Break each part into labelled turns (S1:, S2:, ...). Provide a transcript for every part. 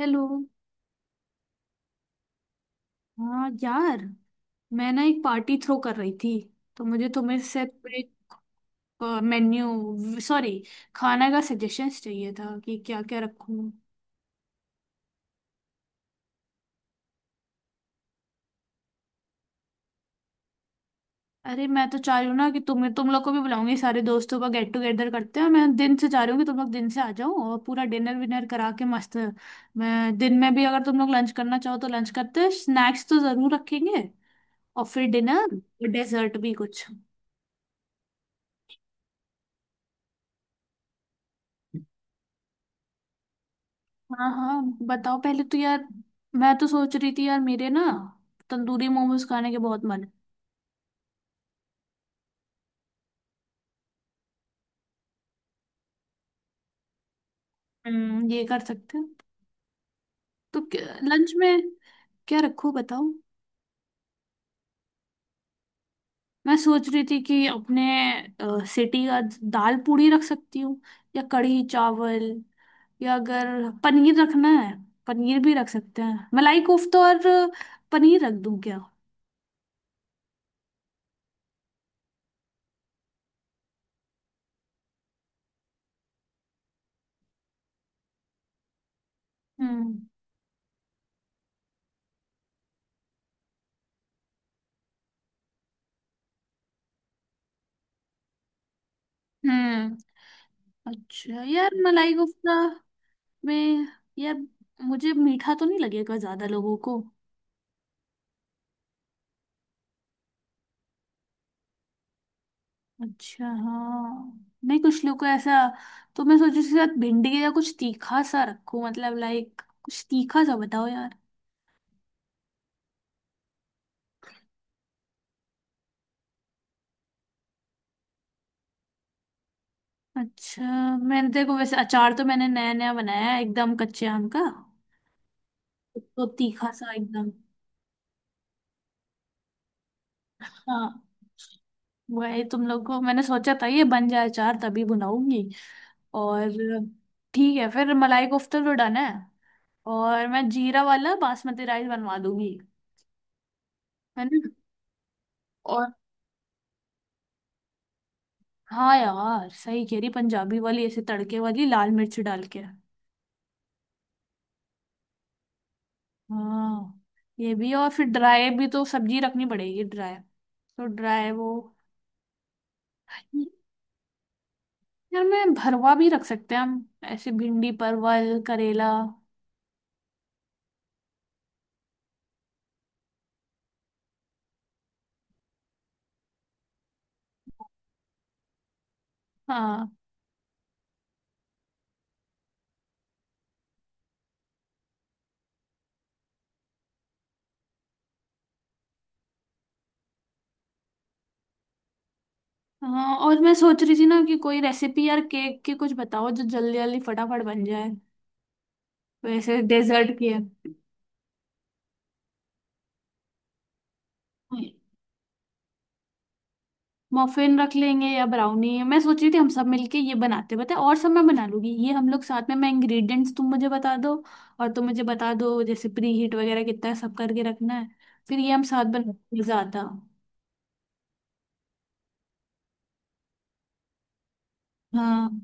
S1: Hello. हाँ यार, मैं ना एक पार्टी थ्रो कर रही थी। तो मुझे तुम्हें से थोड़े मेन्यू, सॉरी, खाना का सजेशंस चाहिए था कि क्या क्या रखूं। अरे मैं तो चाह रही हूँ ना कि तुम लोग को भी बुलाऊंगी, सारे दोस्तों का गेट टुगेदर करते हैं। मैं दिन से चाह रही हूँ कि तुम लोग दिन से आ जाओ और पूरा डिनर विनर करा के मस्त। मैं दिन में भी, अगर तुम लोग लंच करना चाहो तो लंच करते हैं, स्नैक्स तो जरूर रखेंगे और फिर डिनर और डेजर्ट भी कुछ। हाँ हाँ, बताओ पहले तो यार। मैं तो सोच रही थी यार, मेरे ना तंदूरी मोमोज खाने के बहुत मन है। हम्म, ये कर सकते हैं। तो लंच में क्या रखूं बताओ। मैं सोच रही थी कि अपने सिटी का दाल पूड़ी रख सकती हूँ, या कढ़ी चावल, या अगर पनीर रखना है, पनीर भी रख सकते हैं, मलाई कोफ्ता। और पनीर रख दूं क्या। हम्म। हम्म। अच्छा यार, मलाई कोफ्ता। मैं, यार, मुझे मीठा तो नहीं लगेगा ज्यादा लोगों को। अच्छा, हाँ, नहीं कुछ लोग को ऐसा। तो मैं सोची उसके साथ भिंडी या कुछ तीखा सा रखूं, मतलब लाइक कुछ तीखा सा बताओ यार। अच्छा। मैंने देखो वैसे अचार तो मैंने नया नया बनाया है, एकदम कच्चे आम का। तो तीखा सा एकदम। हाँ, वही तुम लोग को मैंने सोचा था ये बन जाए अचार तभी बनाऊंगी। और ठीक है फिर, मलाई कोफ्ता तो डन है। और मैं जीरा वाला बासमती राइस बनवा दूंगी, है ना। और हाँ यार, सही कह रही, पंजाबी वाली ऐसे तड़के वाली लाल मिर्च डाल के। हाँ, ये भी, और फिर ड्राई भी तो सब्जी रखनी पड़ेगी ड्राई। तो ड्राई वो, यार, मैं भरवा भी रख सकते हैं हम, ऐसे भिंडी परवल करेला। हाँ हाँ। और मैं सोच रही थी ना कि कोई रेसिपी यार केक की कुछ बताओ जो जल्दी जल्दी फटाफट बन जाए, वैसे डेजर्ट की है। मफिन रख लेंगे या ब्राउनी, मैं सोच रही थी हम सब मिलके ये बनाते हैं, पता है, और सब मैं बना लूंगी, ये हम लोग साथ में। मैं इंग्रेडिएंट्स तुम मुझे बता दो, और तुम मुझे बता दो जैसे प्री हीट वगैरह कितना सब करके रखना है, फिर ये हम साथ बनाते हैं ज्यादा। हाँ।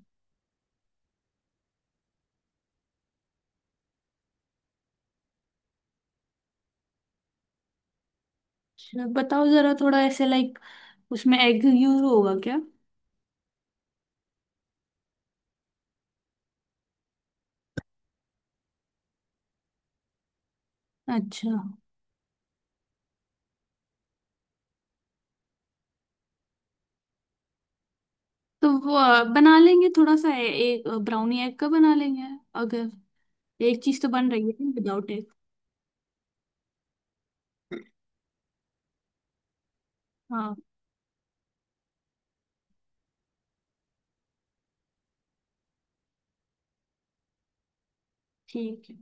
S1: चलो, बताओ जरा थोड़ा ऐसे लाइक, उसमें एग यूज होगा क्या। अच्छा, तो वो बना लेंगे थोड़ा सा, एक ब्राउनी एग का बना लेंगे, अगर। एक चीज तो बन रही है विदाउट एग। हाँ, ठीक है।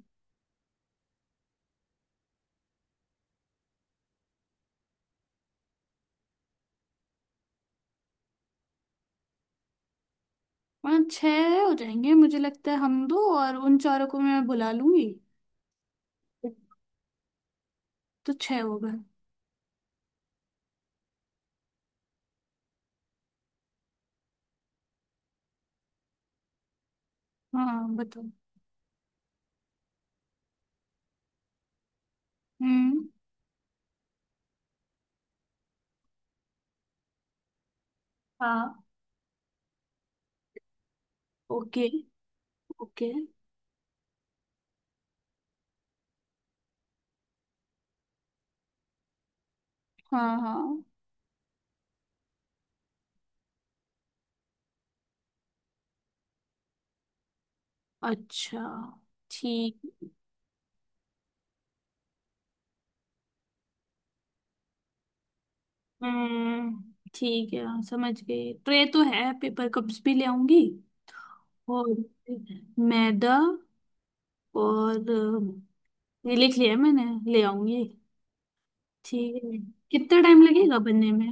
S1: 5-6 हो जाएंगे मुझे लगता है, हम दो और उन चारों को मैं बुला लूंगी, तो 6 हो गए। हाँ बताओ। हम्म। हाँ। ओके। ओके। हाँ हाँ। अच्छा। ठीक। हम्म, ठीक है, हाँ, समझ गई, ट्रे तो है, पेपर कप्स भी ले आऊंगी। और मैदा, और ये लिख लिया है मैंने, ले आऊंगी, ठीक है। कितना टाइम लगेगा बनने में।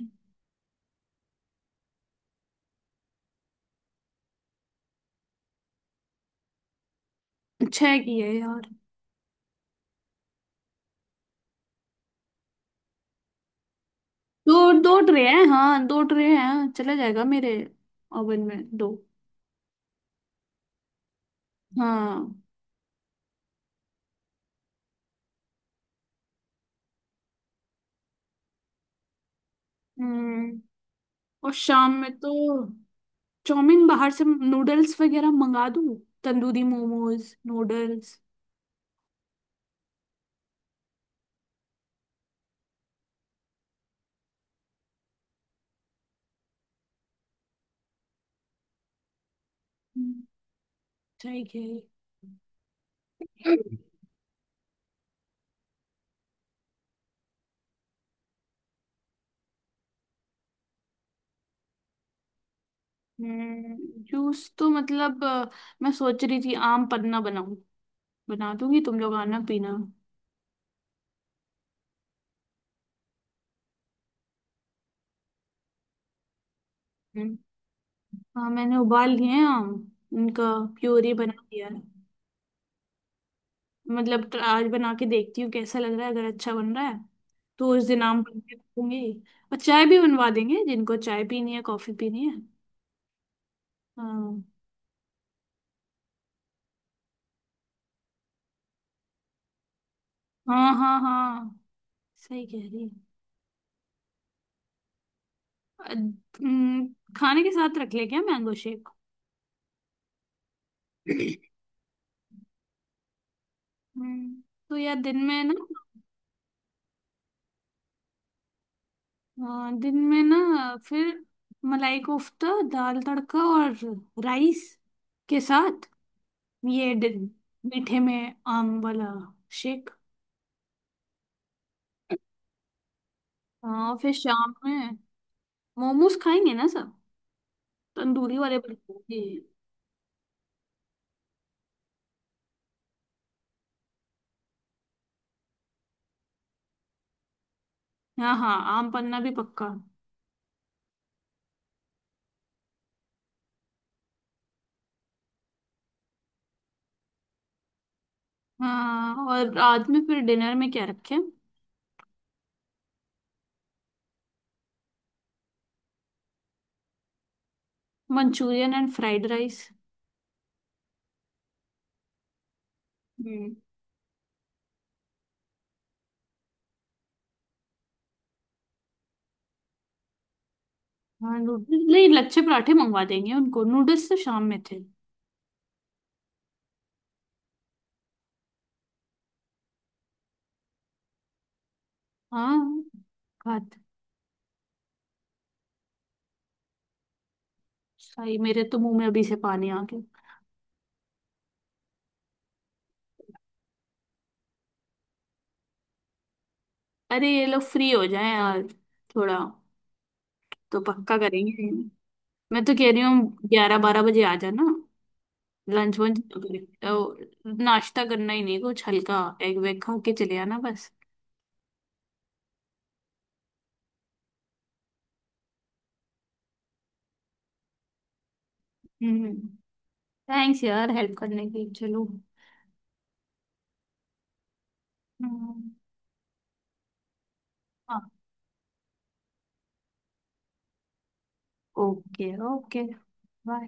S1: छः की है यार। दो दो ट्रे हैं, हाँ, दो ट्रे हैं, चला जाएगा मेरे ओवन में, दो। हाँ। हम्म। और शाम में तो चाउमीन बाहर से, नूडल्स वगैरह मंगा दूँ, तंदूरी मोमोज नूडल्स। हम्म, ठीक है। हम्म, जूस तो मतलब मैं सोच रही थी आम पन्ना बनाऊं, बना दूंगी, तुम लोग आना पीना। हम्म। हाँ, मैंने उबाल लिए हैं आम, उनका प्योरी बना दिया है। मतलब आज बना के देखती हूँ कैसा लग रहा है, अगर अच्छा बन रहा है तो उस दिन आम बना के रखूंगी। और चाय भी बनवा देंगे, जिनको चाय पीनी है कॉफी पीनी है। हाँ हाँ हाँ। हाँ सही कह रही है। अ, हम्म, खाने के साथ रख ले क्या मैंगो शेक। हम्म, तो यार दिन में ना, हाँ, दिन में ना फिर मलाई कोफ्ता, दाल तड़का और राइस के साथ, ये मीठे में आम वाला शेक। हाँ। और फिर शाम में मोमोज खाएंगे ना सब, तंदूरी वाले बनाएंगे। हाँ हाँ, आम पन्ना भी पक्का। हाँ। और आज में फिर डिनर में क्या रखें। Manchurian and fried rice. हम्म। हाँ, नूडल्स नहीं, लच्छे पराठे मंगवा देंगे उनको, नूडल्स तो शाम में थे। हाँ खाते। भाई, मेरे तो मुंह में अभी से पानी आ गया। अरे ये लोग फ्री हो जाए यार थोड़ा, तो पक्का करेंगे। मैं तो कह रही हूँ 11-12 बजे आ जाना, लंच वंच। ओ, नाश्ता करना ही नहीं, कुछ हल्का एग वेग खा के चले आना बस। हम्म। थैंक्स यार हेल्प करने के लिए। चलो। हम्म। हाँ। ओके। ओके। बाय।